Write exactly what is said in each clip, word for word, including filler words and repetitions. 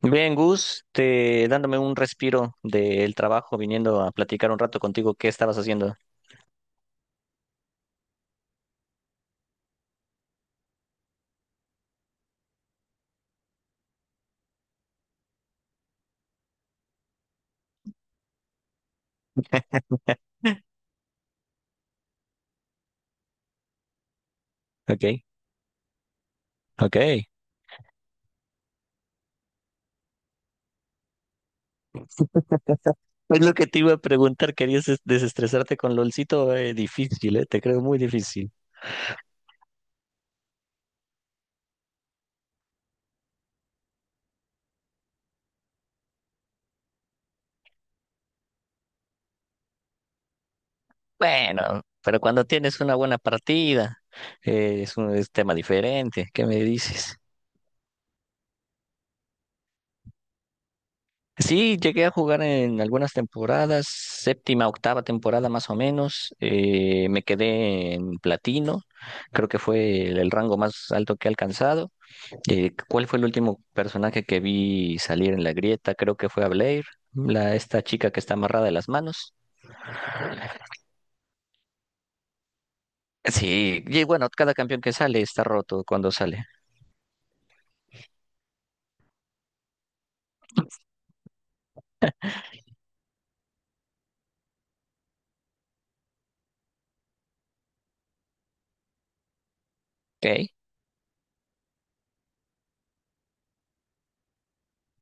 Bien, Gus, te dándome un respiro del trabajo, viniendo a platicar un rato contigo, ¿qué estabas haciendo? Ok, ok. Es lo que te iba a preguntar, ¿querías des- desestresarte con LOLcito? Eh, difícil, eh, te creo muy difícil. Bueno, pero cuando tienes una buena partida, eh, es un es tema diferente. ¿Qué me dices? Sí, llegué a jugar en algunas temporadas, séptima, octava temporada más o menos. Eh, me quedé en platino, creo que fue el, el rango más alto que he alcanzado. Eh, ¿cuál fue el último personaje que vi salir en la grieta? Creo que fue a Blair, la, esta chica que está amarrada de las manos. Sí, y bueno, cada campeón que sale está roto cuando sale. Ok,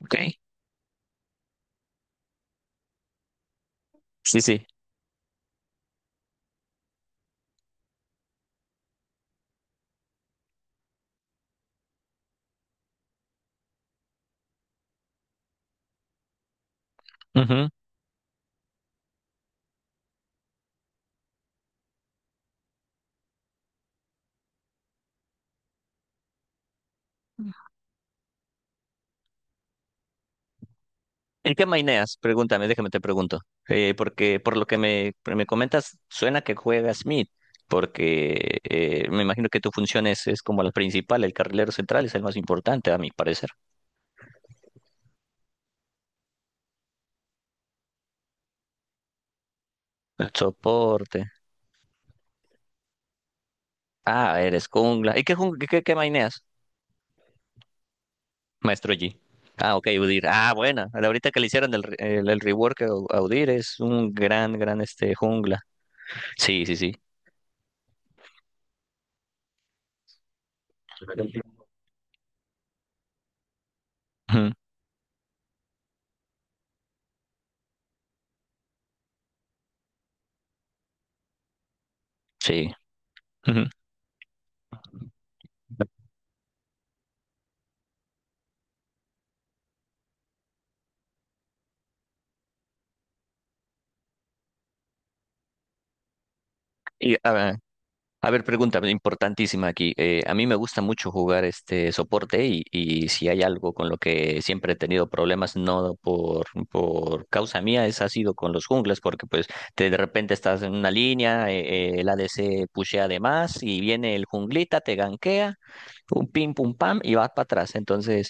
ok. Sí, sí. ¿En qué maineas? Pregúntame, déjame te pregunto. Eh, porque por lo que me, me comentas, suena que juegas mid, porque eh, me imagino que tu función es, es como la principal, el carrilero central es el más importante, a mi parecer. El soporte. Ah, eres jungla. ¿Y qué, jung- qué, qué qué maineas, maestro G? Ah, ok, Udyr. Ah, buena. Ahorita que le hicieron el, re- el, el rework a a Udyr es un gran, gran este jungla. Sí, sí, sí. Ujú. Sí. Ujú. Y, a ver, A ver, pregunta importantísima aquí. Eh, a mí me gusta mucho jugar este soporte y, y si hay algo con lo que siempre he tenido problemas, no por, por causa mía, es ha sido con los jungles, porque pues te de repente estás en una línea, eh, eh, el A D C pushea de más y viene el junglita, te ganquea, pum, pim, pum, pam, y vas para atrás. Entonces,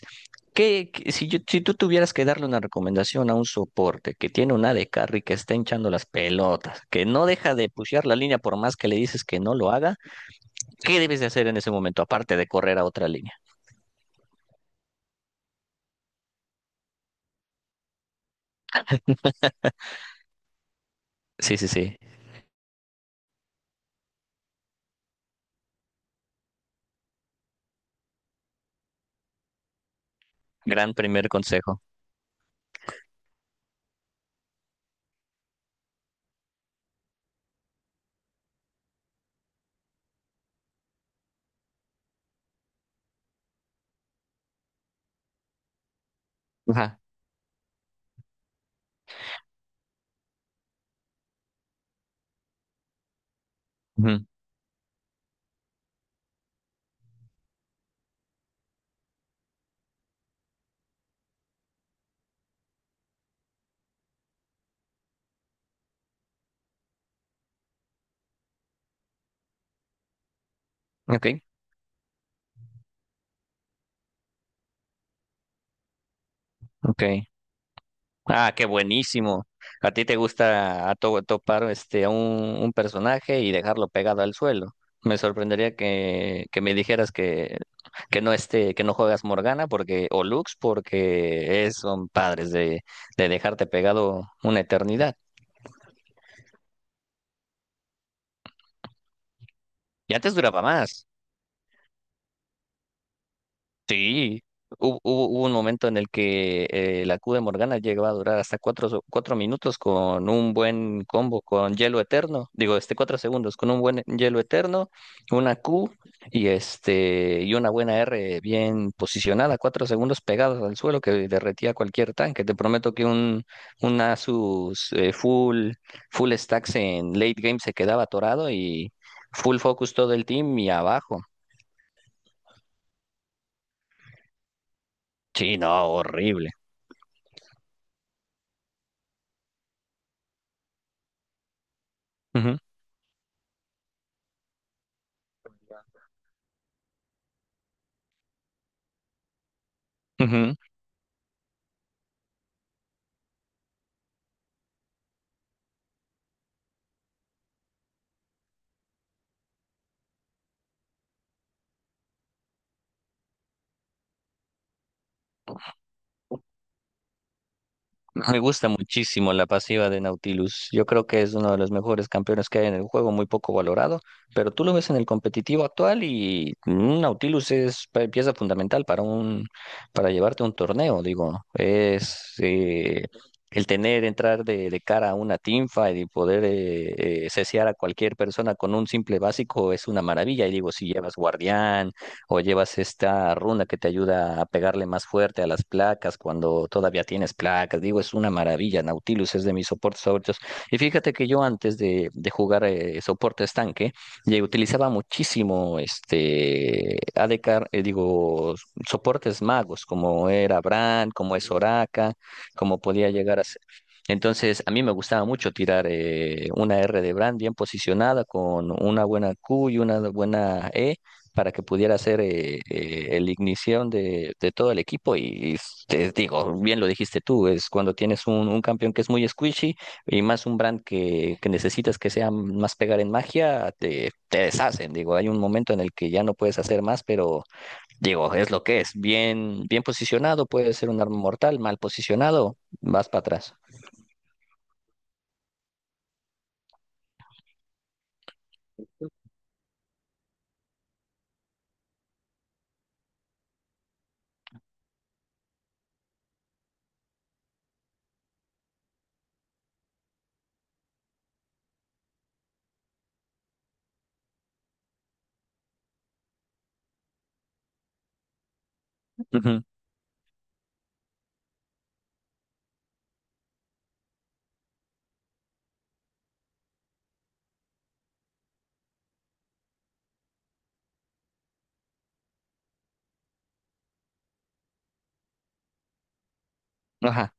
¿qué, qué- si, yo- Si tú tuvieras que darle una recomendación a un soporte que tiene una de carry que está hinchando las pelotas, que no deja de pushear la línea por más que le dices que no lo haga? ¿Qué debes de hacer en ese momento, aparte de correr a otra línea? Sí, sí, sí. Gran primer consejo. Ajá. Ujú. Ok, ok. Ah, qué buenísimo. ¿A ti te gusta a to- topar este, a un, un personaje y dejarlo pegado al suelo? Me sorprendería que, que me dijeras que, que no esté, que no juegas Morgana porque, o Lux porque es, son padres de, de dejarte pegado una eternidad. Y antes duraba más. Sí, hu- hubo, hubo un momento en el que eh, la Q de Morgana llegaba a durar hasta cuatro, so- cuatro minutos con un buen combo con hielo eterno, digo, este cuatro segundos con un buen hielo eterno, una Q y este y una buena R bien posicionada, cuatro segundos pegados al suelo que derretía cualquier tanque. Te prometo que un, un Asus eh, full full stacks en late game se quedaba atorado y full focus todo el team y abajo. Sí, no, horrible. Ujú, ujú. Me gusta muchísimo la pasiva de Nautilus. Yo creo que es uno de los mejores campeones que hay en el juego, muy poco valorado, pero tú lo ves en el competitivo actual y un Nautilus es pa- pieza fundamental para un para llevarte a un torneo, digo, es eh, el tener entrar de, de cara a una teamfight y poder eh, eh, ceciar a cualquier persona con un simple básico es una maravilla. Y digo, si llevas guardián o llevas esta runa que te ayuda a pegarle más fuerte a las placas cuando todavía tienes placas. Digo, es una maravilla. Nautilus es de mis soportes favoritos. Y fíjate que yo antes de, de jugar eh, soporte estanque, ya utilizaba muchísimo este A D K, eh, digo, soportes magos, como era Brand, como es Soraka, como podía llegar a ser. Entonces, a mí me gustaba mucho tirar eh, una R de Brand bien posicionada con una buena Q y una buena E para que pudiera ser eh, eh, el ignición de, de todo el equipo. Y, y te digo, bien lo dijiste tú, es cuando tienes un, un campeón que es muy squishy y más un brand que, que necesitas que sea más pegar en magia, te, te deshacen. Digo, hay un momento en el que ya no puedes hacer más, pero digo, es lo que es. Bien, bien posicionado, puede ser un arma mortal, mal posicionado, vas para atrás. Ujú. Ajá.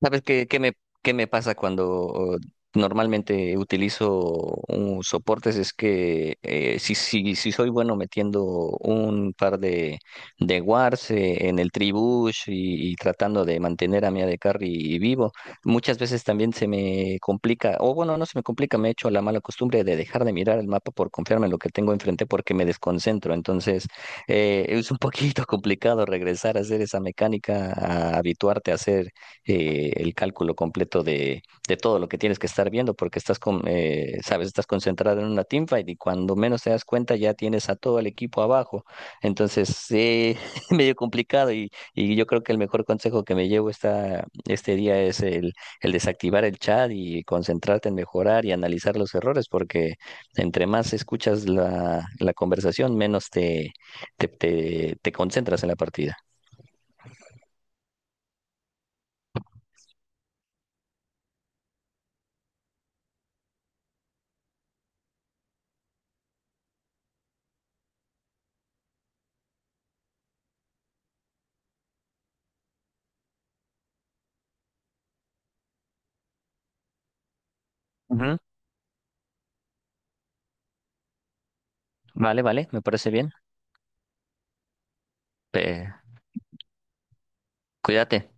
¿Sabes qué, qué me, qué me pasa cuando normalmente utilizo un soportes? Es que eh, si, si, si soy bueno metiendo un par de, de wards eh, en el tribush y, y tratando de mantener a mi A D Carry vivo, muchas veces también se me complica, o bueno, no se me complica, me he hecho la mala costumbre de dejar de mirar el mapa por confiarme en lo que tengo enfrente porque me desconcentro. Entonces, eh, es un poquito complicado regresar a hacer esa mecánica, a habituarte a hacer eh, el cálculo completo de, de todo lo que tienes que estar viendo, porque estás con, eh, sabes, estás concentrado en una teamfight y cuando menos te das cuenta ya tienes a todo el equipo abajo. Entonces, eh, medio complicado y, y yo creo que el mejor consejo que me llevo esta, este día es el, el desactivar el chat y concentrarte en mejorar y analizar los errores, porque entre más escuchas la, la conversación, menos te, te, te, te concentras en la partida. Ujú. Vale, vale, me parece bien. Eh, Cuídate.